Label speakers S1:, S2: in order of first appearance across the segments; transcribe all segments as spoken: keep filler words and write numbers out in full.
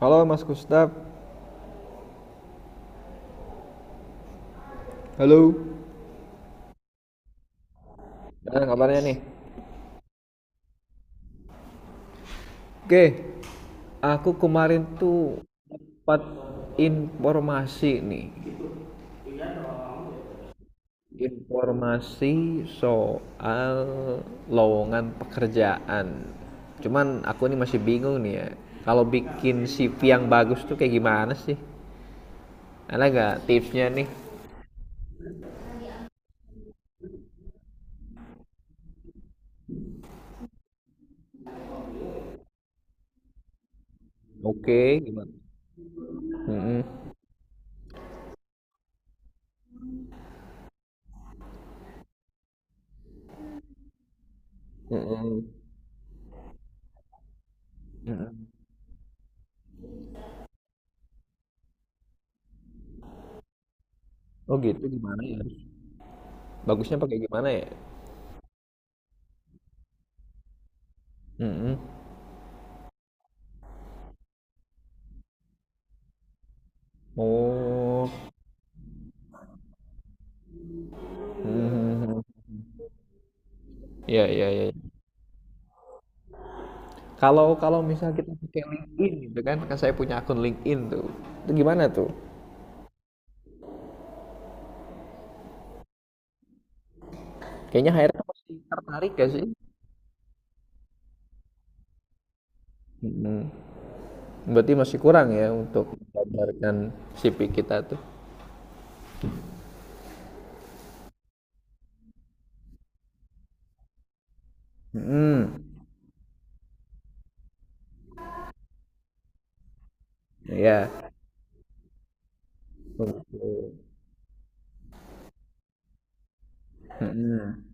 S1: Halo Mas Gustaf. Halo. Gimana kabarnya nih? Oke, aku kemarin tuh dapat informasi nih, informasi soal lowongan pekerjaan. Cuman aku ini masih bingung nih ya, kalau bikin C V yang bagus tuh kayak gimana sih? Ada nggak tipsnya nih? Oke, gimana? Mm-mm, mm-mm, mm-mm. Oh gitu, gimana ya? Bagusnya pakai gimana ya? Mm-mm. Oh. Mhm. Ya ya, iya. Kalau kalau misal kita pakai LinkedIn gitu kan, kan saya punya akun LinkedIn tuh. Itu gimana tuh? Kayaknya H R tuh masih tertarik gak sih? Mhm. Berarti masih kurang ya untuk menggambarkan C V kita tuh. Hmm. Ya. Oke. Mhm.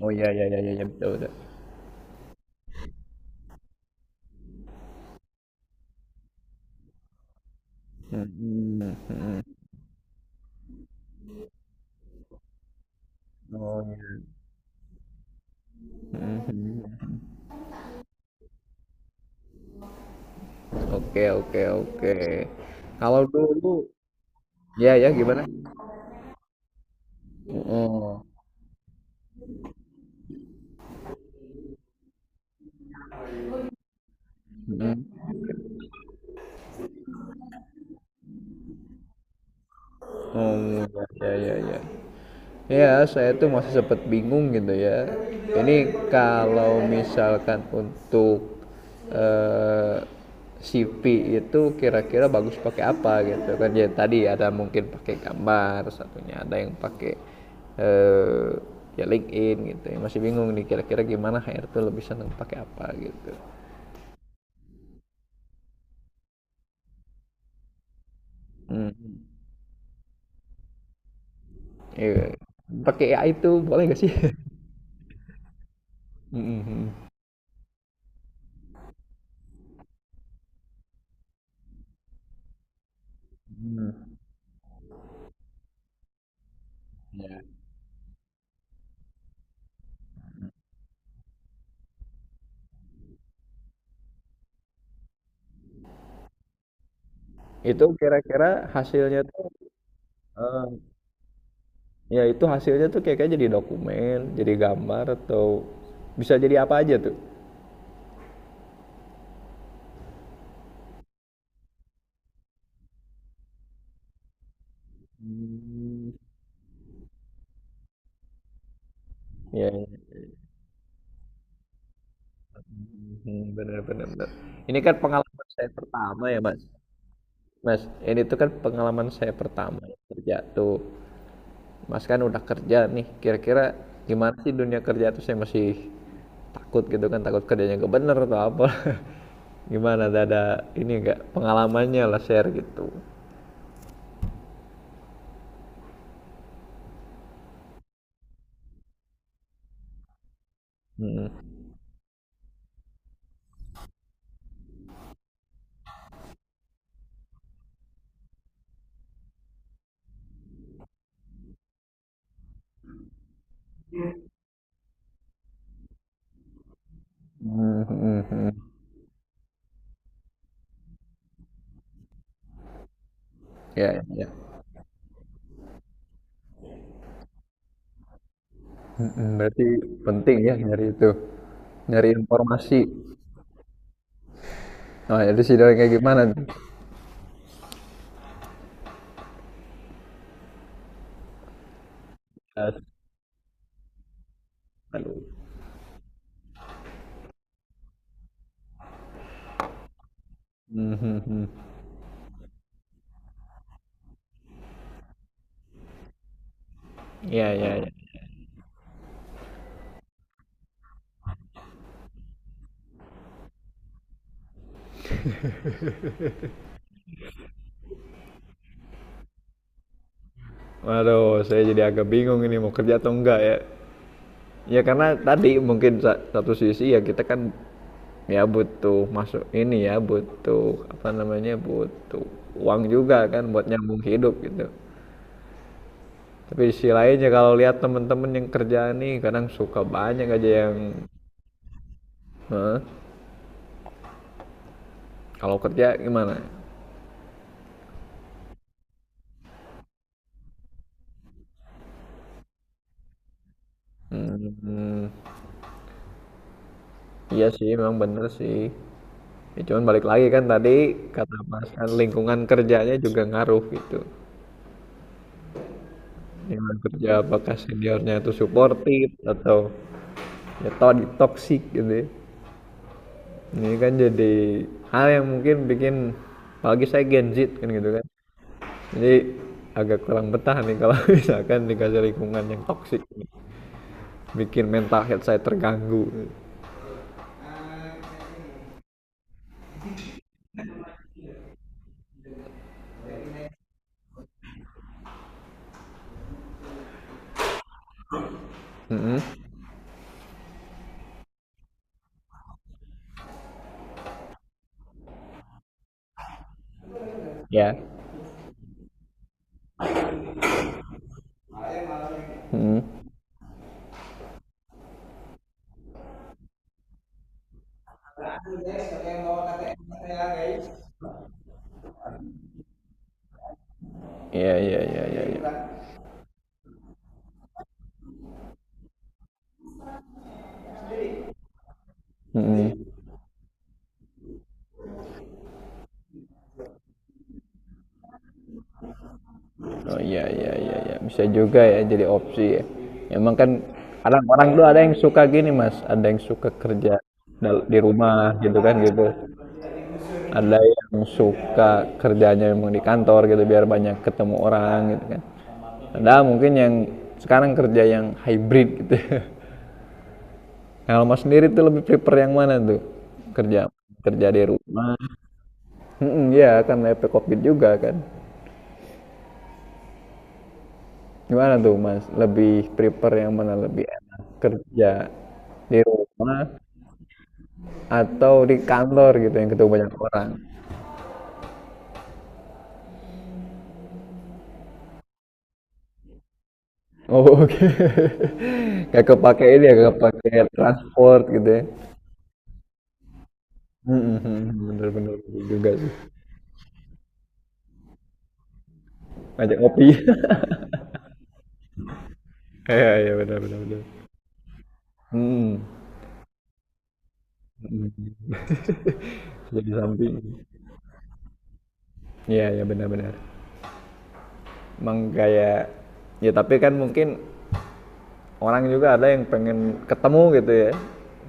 S1: Oh ya ya ya ya, ya betul betul. Mhm. Mhm. Oh ya. Mhm. Oke oke oke. Kalau dulu, ya ya, gimana? Oh. Oh, ya ya ya. Ya, saya tuh masih sempat bingung gitu ya. Ini kalau misalkan untuk eh, C P itu kira-kira bagus pakai apa gitu kan? Ya tadi ada mungkin pakai gambar, satunya ada yang pakai eh ya LinkedIn gitu. Ya, masih bingung nih kira-kira gimana H R tuh lebih seneng pakai apa gitu. Hmm. Iya. Pakai A I itu boleh gak sih? Mm-mm. Itu kira-kira hasilnya tuh, eh, ya itu hasilnya tuh kayak kayak jadi dokumen, jadi gambar atau bisa jadi apa aja tuh. Hmm. Ya, ya. Hmm, bener bener bener. Ini kan pengalaman saya pertama ya Mas. Mas, ini tuh kan pengalaman saya pertama ya, kerja tuh. Mas kan udah kerja nih. Kira-kira gimana sih dunia kerja tuh, saya masih takut gitu kan, takut kerjanya gak bener atau apa. Gimana, ada ada ini enggak pengalamannya lah share gitu. Hmm. Hmm, hmm, hmm. Ya, ya. Mm-mm. Berarti penting ya nyari itu, nyari informasi. Nah, jadi sih dari kayak gimana tuh? Yes. Aduh. Mhm. Iya, iya, iya. Waduh, saya jadi agak bingung ini mau kerja atau enggak ya. Ya karena tadi mungkin sa- satu sisi ya kita kan ya butuh masuk ini ya, butuh apa namanya, butuh uang juga kan buat nyambung hidup gitu. Tapi di sisi lainnya kalau lihat temen-temen yang kerja nih kadang suka banyak aja yang, "Hah? Kalau kerja gimana? Hmm, iya sih, memang bener sih. Ya, cuman balik lagi kan tadi kata Mas kan lingkungan kerjanya juga ngaruh gitu. Lingkungan kerja apakah seniornya itu suportif atau ya to- toksik gitu, ya. Ini kan jadi hal yang mungkin bikin, apalagi saya Gen Z kan gitu kan. Jadi agak kurang betah nih kalau misalkan dikasih lingkungan yang toksik, bikin mental health saya terganggu. Mm-mm. Ya. Mm-mm. Iya, iya, iya, iya, iya. Mm-mm. Oh iya iya iya iya, bisa juga ya jadi opsi ya. Emang kan kadang orang tuh ada yang suka gini Mas, ada yang suka kerja dal- di rumah gitu kan gitu. Ada yang suka kerjanya memang di kantor gitu biar banyak ketemu orang gitu kan. Ada mungkin yang sekarang kerja yang hybrid gitu. Kalau Mas sendiri tuh lebih prefer yang mana tuh? Kerja kerja di rumah. Mm-mm. Iya kan efek COVID juga kan. Gimana tuh Mas, lebih prefer yang mana? Lebih enak kerja di rumah atau di kantor gitu yang ketemu banyak orang? Oh, oke. Gak kepake ini ya, nggak kepakai transport gitu ya? Mhm mhm, bener bener bener juga sih. Ngajak ngopi. Iya iya, benar benar bener. Mhm, mhm, jadi samping. Iya iya, benar benar. Emang kayak ya tapi kan mungkin orang juga ada yang pengen ketemu gitu ya,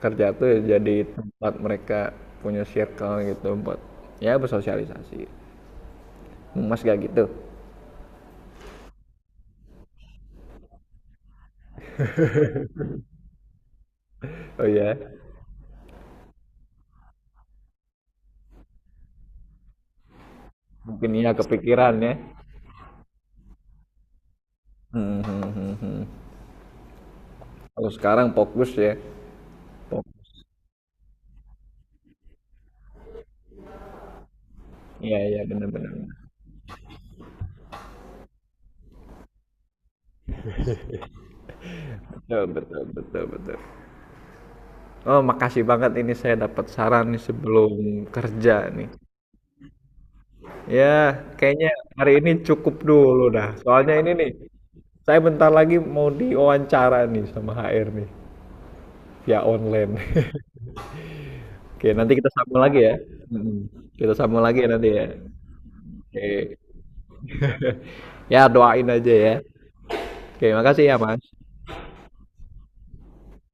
S1: kerja tuh ya jadi tempat mereka punya circle gitu buat ya bersosialisasi mas gak gitu. Oh ya, mungkin iya kepikiran ya. Hmm, hmm, hmm, hmm. Kalau sekarang fokus ya. Fok- Iya iya, benar-benar, betul betul betul betul. Oh makasih banget ini, saya dapat saran nih sebelum kerja nih. Ya kayaknya hari ini cukup dulu dah, soalnya ini nih, saya bentar lagi mau diwawancara nih sama H R nih, via online. Oke, nanti kita sambung lagi ya. Mhm. Kita sambung lagi ya nanti ya. Oke. Ya doain aja ya. Oke, makasih ya Mas.